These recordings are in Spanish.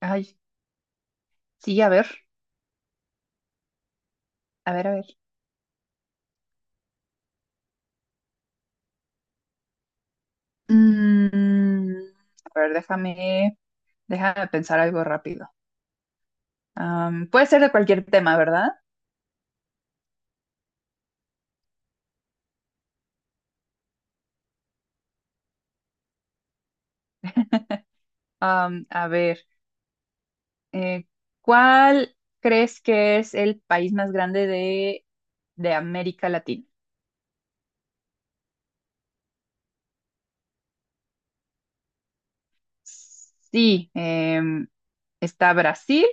Ay, sí, a ver, a ver, a ver. Mm, a ver, déjame pensar algo rápido. Puede ser de cualquier tema, ¿verdad? A ver, eh, ¿cuál crees que es el país más grande de América Latina? Sí, está Brasil,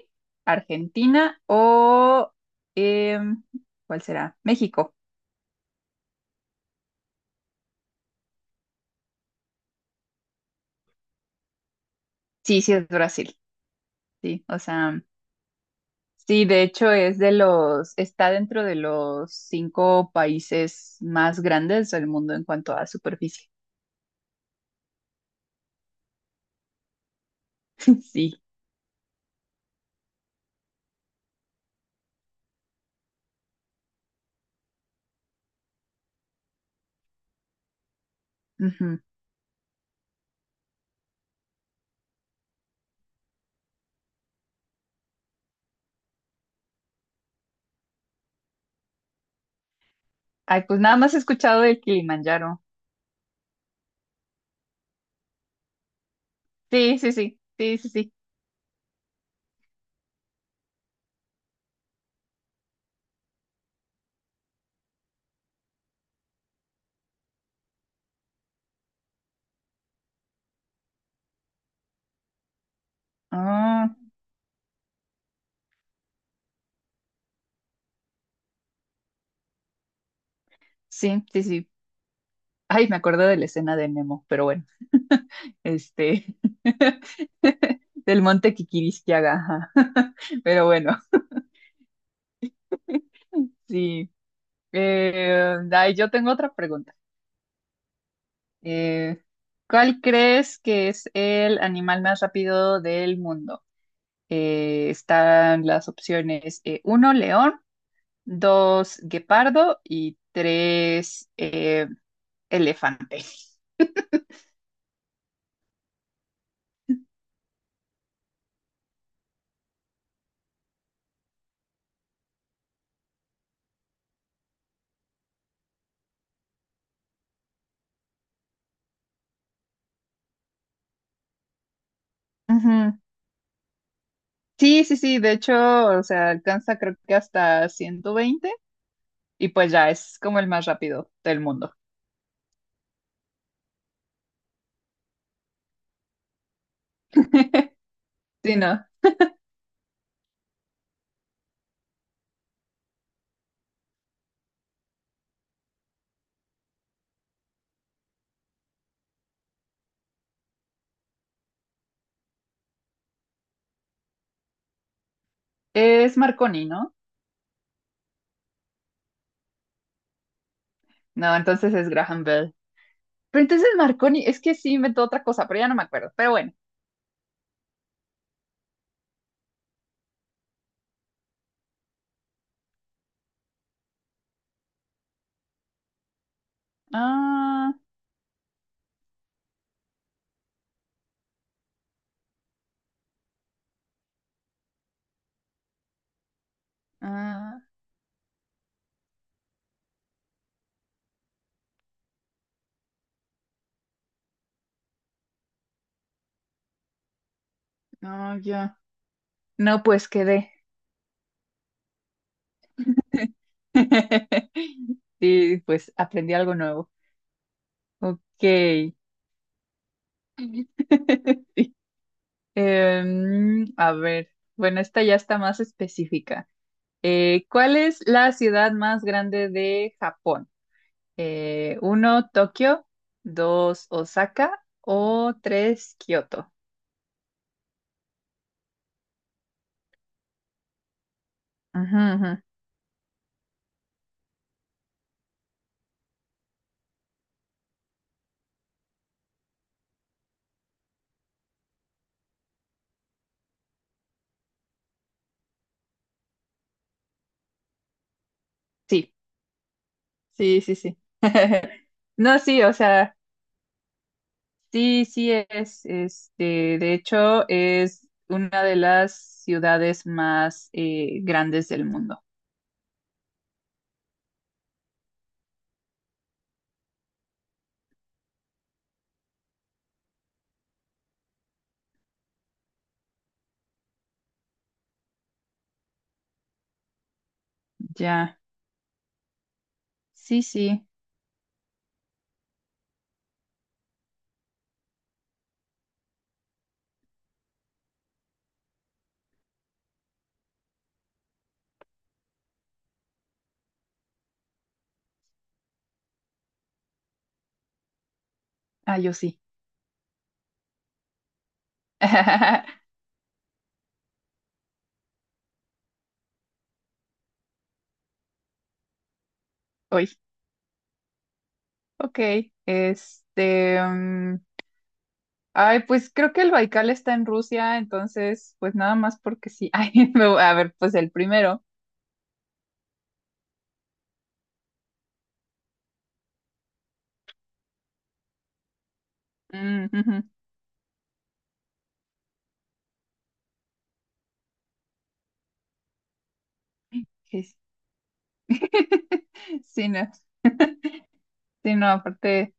Argentina o em, ¿cuál será? México. Sí, sí, es Brasil. Sí, o sea, sí, de hecho es de los, está dentro de los cinco países más grandes del mundo en cuanto a superficie. Sí. Ujú. Ay, pues nada más he escuchado del Kilimanjaro. Sí, sí, sí, sí, sí, sí. Ah, sí, sí, sí. Ay, me acuerdo de la escena de Nemo, pero bueno. Este, del monte Kikirisquiaga. Ajá. Pero bueno, sí. Ay, yo tengo otra pregunta. Eh, ¿Cuál crees que es el animal más rápido del mundo? Están las opciones uno, león, dos, guepardo y tres, elefante. Ujú. Sí, sí, sí, de hecho, o sea, alcanza creo que hasta 120 y pues ya es como el más rápido del mundo. Sí, no. Es Marconi, ¿no? No, entonces es Graham Bell. Pero entonces Marconi, es que sí inventó otra cosa, pero ya no me acuerdo. Pero bueno. Ah. Ah, no, yo. No, pues quedé. Sí, pues aprendí algo nuevo. Ok. A ver, bueno, esta ya está más específica. ¿Cuál es la ciudad más grande de Japón? Uno, Tokio, dos, Osaka o tres, Kioto. Ujú, ujú. Sí, sí, sí, sí. No, sí, o sea. Sí, sí es, este, de hecho es una de las ciudades más grandes del mundo. Ya, sí, sí, ah, yo sí. Hoy, ok, este, ay, pues creo que el Baikal está en Rusia, entonces, pues nada más porque sí. Ay, me a ver, pues el primero. Mm, ujú, sí, sí, no, sí, no, aparte,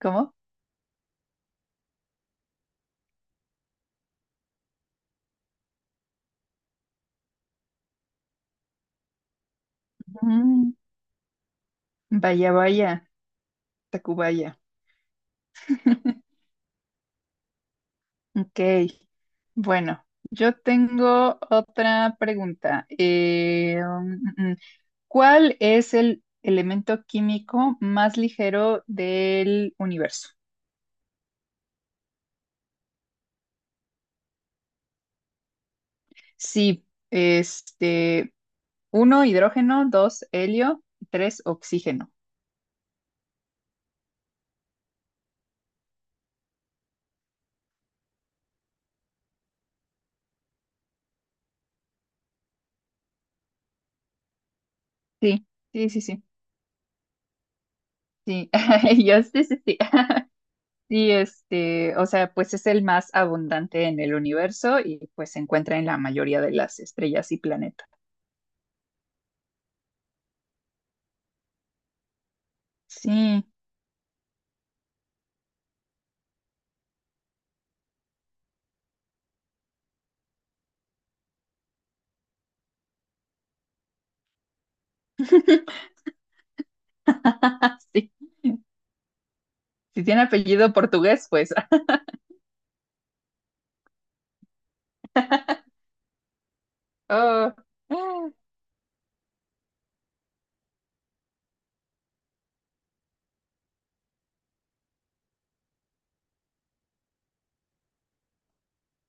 ¿cómo? Mm, Vaya, vaya, Tacubaya. Ok, bueno, yo tengo otra pregunta. ¿Cuál es el elemento químico más ligero del universo? Sí, este, uno, hidrógeno, dos, helio, tres, oxígeno. Sí, sí, sí, sí, sí. Yo sí, sí, sí. Sí, este, o sea, pues es el más abundante en el universo y pues se encuentra en la mayoría de las estrellas y planetas. Sí. Sí. Si tiene apellido portugués, pues. Ah, oh.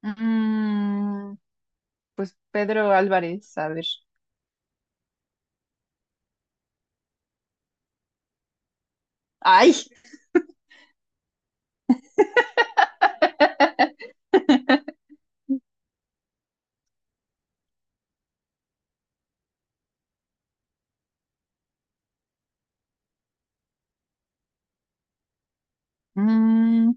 Mm, pues Pedro Álvarez, a ver. ¡Ay! Mm,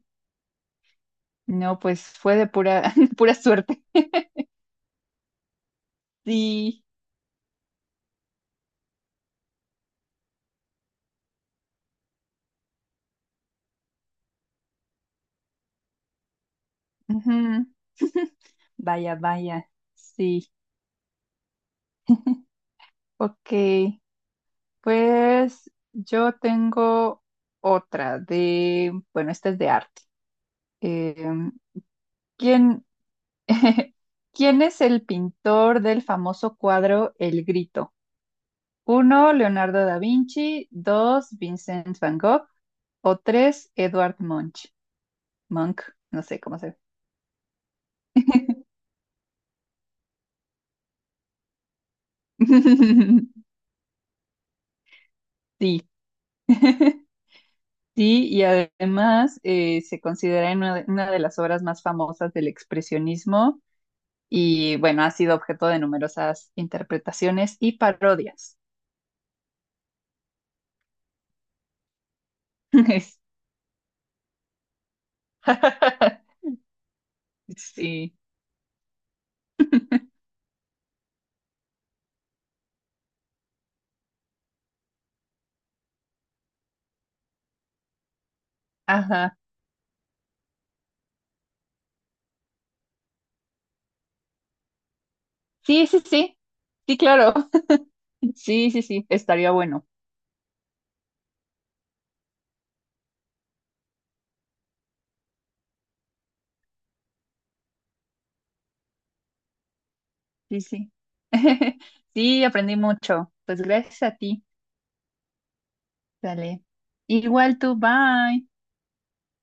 no, pues fue de pura, pura suerte. Sí. Ujú. Vaya, vaya. Sí. Ok. Pues yo tengo otra de, bueno, esta es de arte. Eh, ¿quién, ¿Quién es el pintor del famoso cuadro El Grito? Uno, Leonardo da Vinci. Dos, Vincent van Gogh. O tres, Edward Munch. Monk, no sé cómo se ve. Sí. Sí, y además se considera en una de las obras más famosas del expresionismo y bueno, ha sido objeto de numerosas interpretaciones y parodias. Sí, ajá. Sí, sí, sí, sí, claro. Sí, sí, sí, estaría bueno. Sí, sí. Sí, aprendí mucho. Pues gracias a ti. Dale. Igual tú, bye.